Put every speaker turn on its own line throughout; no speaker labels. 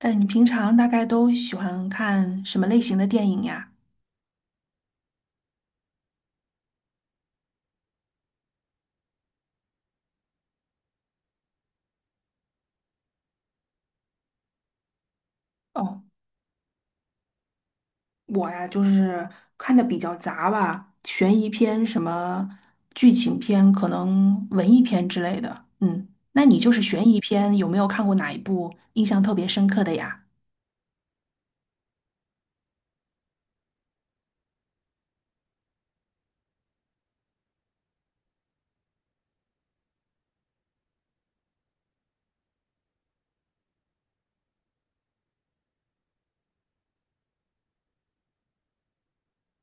哎，你平常大概都喜欢看什么类型的电影呀？哦，我呀，就是看的比较杂吧，悬疑片、什么剧情片，可能文艺片之类的。嗯，那你就是悬疑片，有没有看过哪一部印象特别深刻的呀？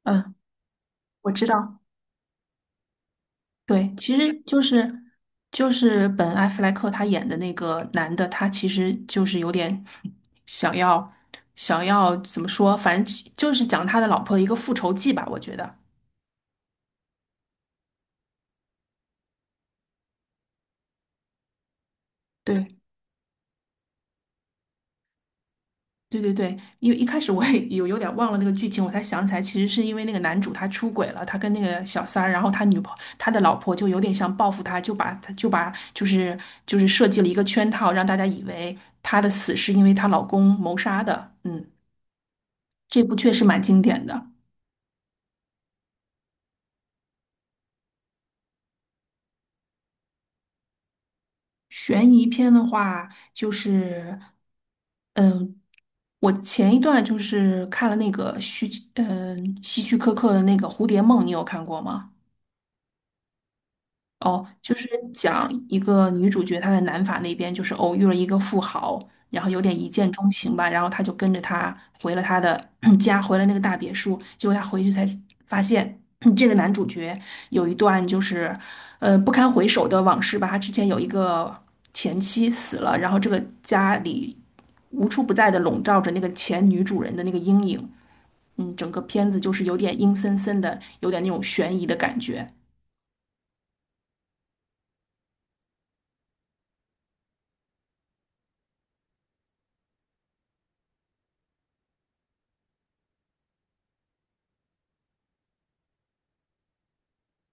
嗯，我知道。对，其实就是本·艾弗莱克他演的那个男的，他其实就是有点想要想要怎么说，反正其就是讲他的老婆的一个复仇记吧，我觉得。对对对对，因为一开始我也有点忘了那个剧情，我才想起来，其实是因为那个男主他出轨了，他跟那个小三儿，然后他女朋他的老婆就有点想报复他，就是设计了一个圈套，让大家以为他的死是因为她老公谋杀的，嗯。这部确实蛮经典的。悬疑片的话，就是，嗯，我前一段就是看了那个希区柯克的那个《蝴蝶梦》，你有看过吗？哦，就是讲一个女主角，她在南法那边就是偶遇了一个富豪，然后有点一见钟情吧，然后她就跟着他回了他的 家，回了那个大别墅。结果他回去才发现，这个男主角有一段就是，不堪回首的往事吧。他之前有一个前妻死了，然后这个家里无处不在的笼罩着那个前女主人的那个阴影。嗯，整个片子就是有点阴森森的，有点那种悬疑的感觉。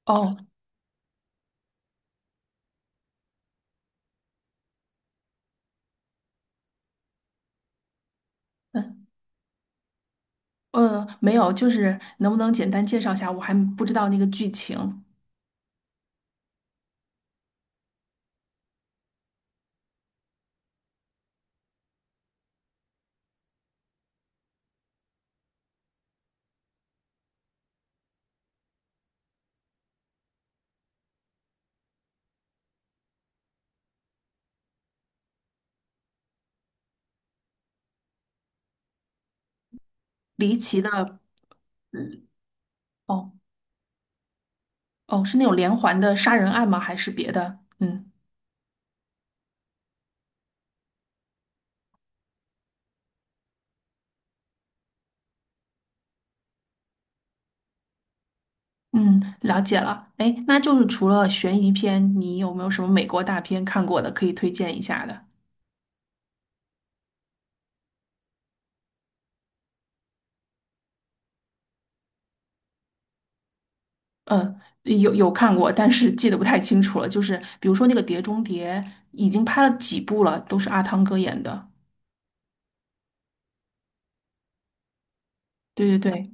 哦。嗯。没有，就是能不能简单介绍一下？我还不知道那个剧情。离奇的，嗯，哦哦，是那种连环的杀人案吗？还是别的？嗯嗯，了解了。哎，那就是除了悬疑片，你有没有什么美国大片看过的可以推荐一下的？嗯，有有看过，但是记得不太清楚了。就是比如说那个《碟中谍》，已经拍了几部了，都是阿汤哥演的。对对对，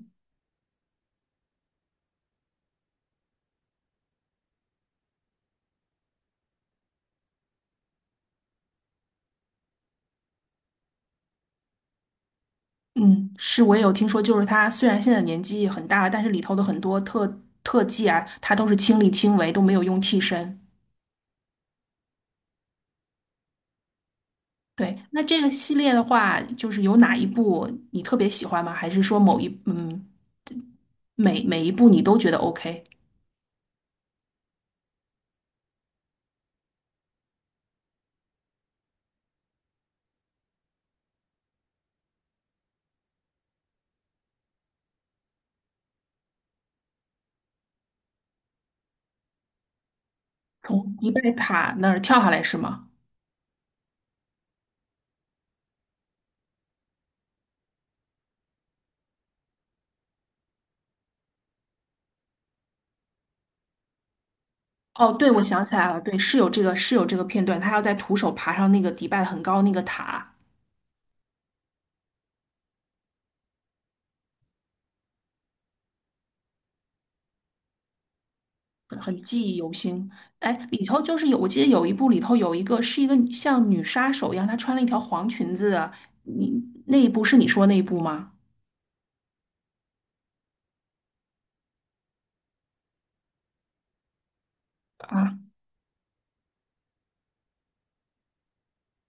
嗯，是我也有听说，就是他虽然现在年纪很大了，但是里头的很多特技啊，他都是亲力亲为，都没有用替身。对，那这个系列的话，就是有哪一部你特别喜欢吗？还是说某一嗯每每一部你都觉得 OK？从迪拜塔那儿跳下来是吗？哦，对，我想起来了，对，是有这个片段，他要在徒手爬上那个迪拜很高那个塔。很记忆犹新。哎，里头就是有，我记得有一部里头有一个是一个像女杀手一样，她穿了一条黄裙子的，你那一部是你说那一部吗？啊，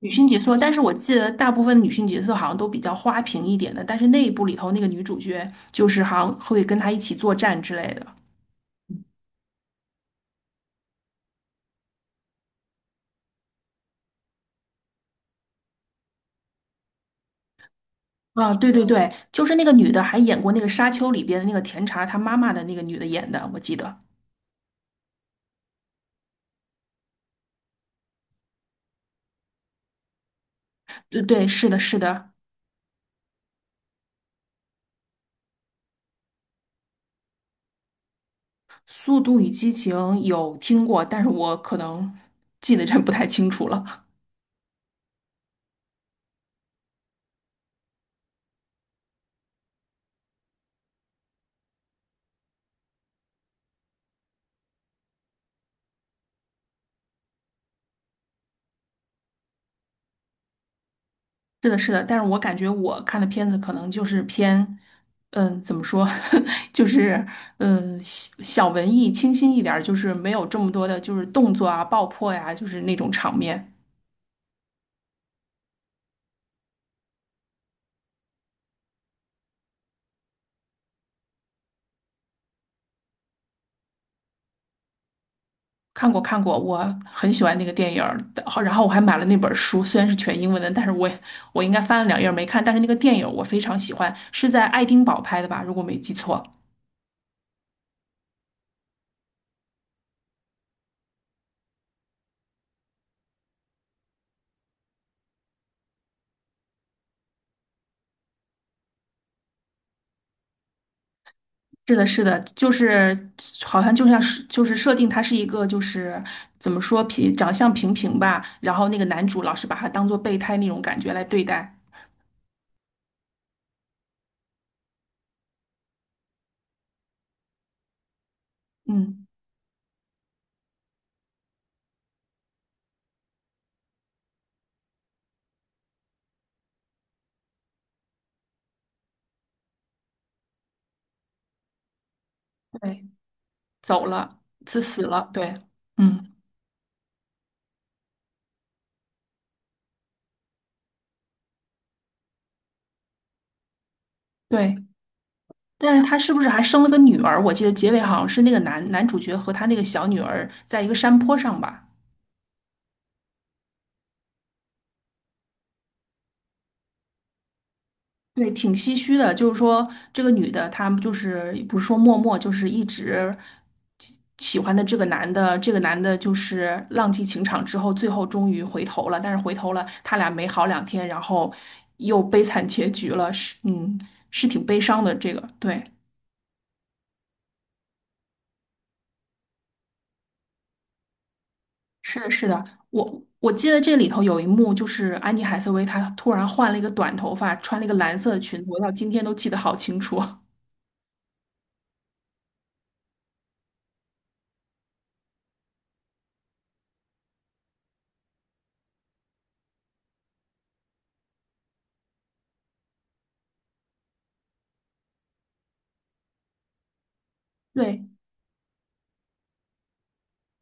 女性角色，但是我记得大部分女性角色好像都比较花瓶一点的，但是那一部里头那个女主角就是好像会跟她一起作战之类的。啊，对对对，就是那个女的还演过那个《沙丘》里边的那个甜茶她妈妈的那个女的演的，我记得。对对，是的，是的。《速度与激情》有听过，但是我可能记得真不太清楚了。是的，是的，但是我感觉我看的片子可能就是偏，怎么说，就是小小文艺、清新一点儿，就是没有这么多的，就是动作啊、爆破呀、就是那种场面。看过，看过，我很喜欢那个电影儿，好然后我还买了那本书，虽然是全英文的，但是我应该翻了两页儿没看，但是那个电影儿我非常喜欢，是在爱丁堡拍的吧，如果没记错。是的，是的，就是好像就像是就是设定他是一个就是怎么说长相平平吧，然后那个男主老是把他当做备胎那种感觉来对待。嗯，对，走了，是死了，对，嗯，对。但是他是不是还生了个女儿？我记得结尾好像是那个男男主角和他那个小女儿在一个山坡上吧。对，挺唏嘘的。就是说，这个女的，她就是不是说默默，就是一直喜欢的这个男的，这个男的就是浪迹情场之后，最后终于回头了。但是回头了，他俩没好两天，然后又悲惨结局了。是，嗯，是挺悲伤的。这个，对，是的，是的。我记得这里头有一幕，就是安妮海瑟薇她突然换了一个短头发，穿了一个蓝色的裙子，我到今天都记得好清楚。对。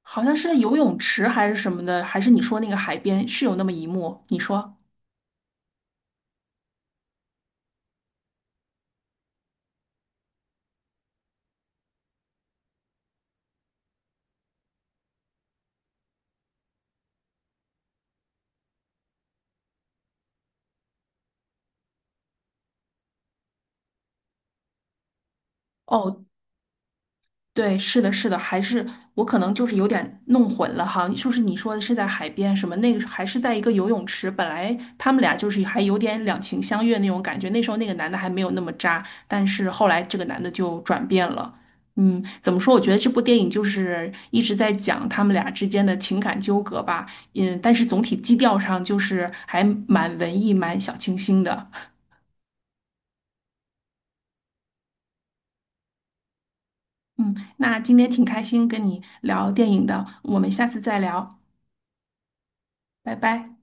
好像是在游泳池还是什么的，还是你说那个海边是有那么一幕？你说，哦，对，是的，是的，还是我可能就是有点弄混了哈。就是你说的是在海边什么那个，还是在一个游泳池？本来他们俩就是还有点两情相悦那种感觉，那时候那个男的还没有那么渣，但是后来这个男的就转变了。嗯，怎么说？我觉得这部电影就是一直在讲他们俩之间的情感纠葛吧。嗯，但是总体基调上就是还蛮文艺、蛮小清新的。嗯，那今天挺开心跟你聊电影的，我们下次再聊，拜拜。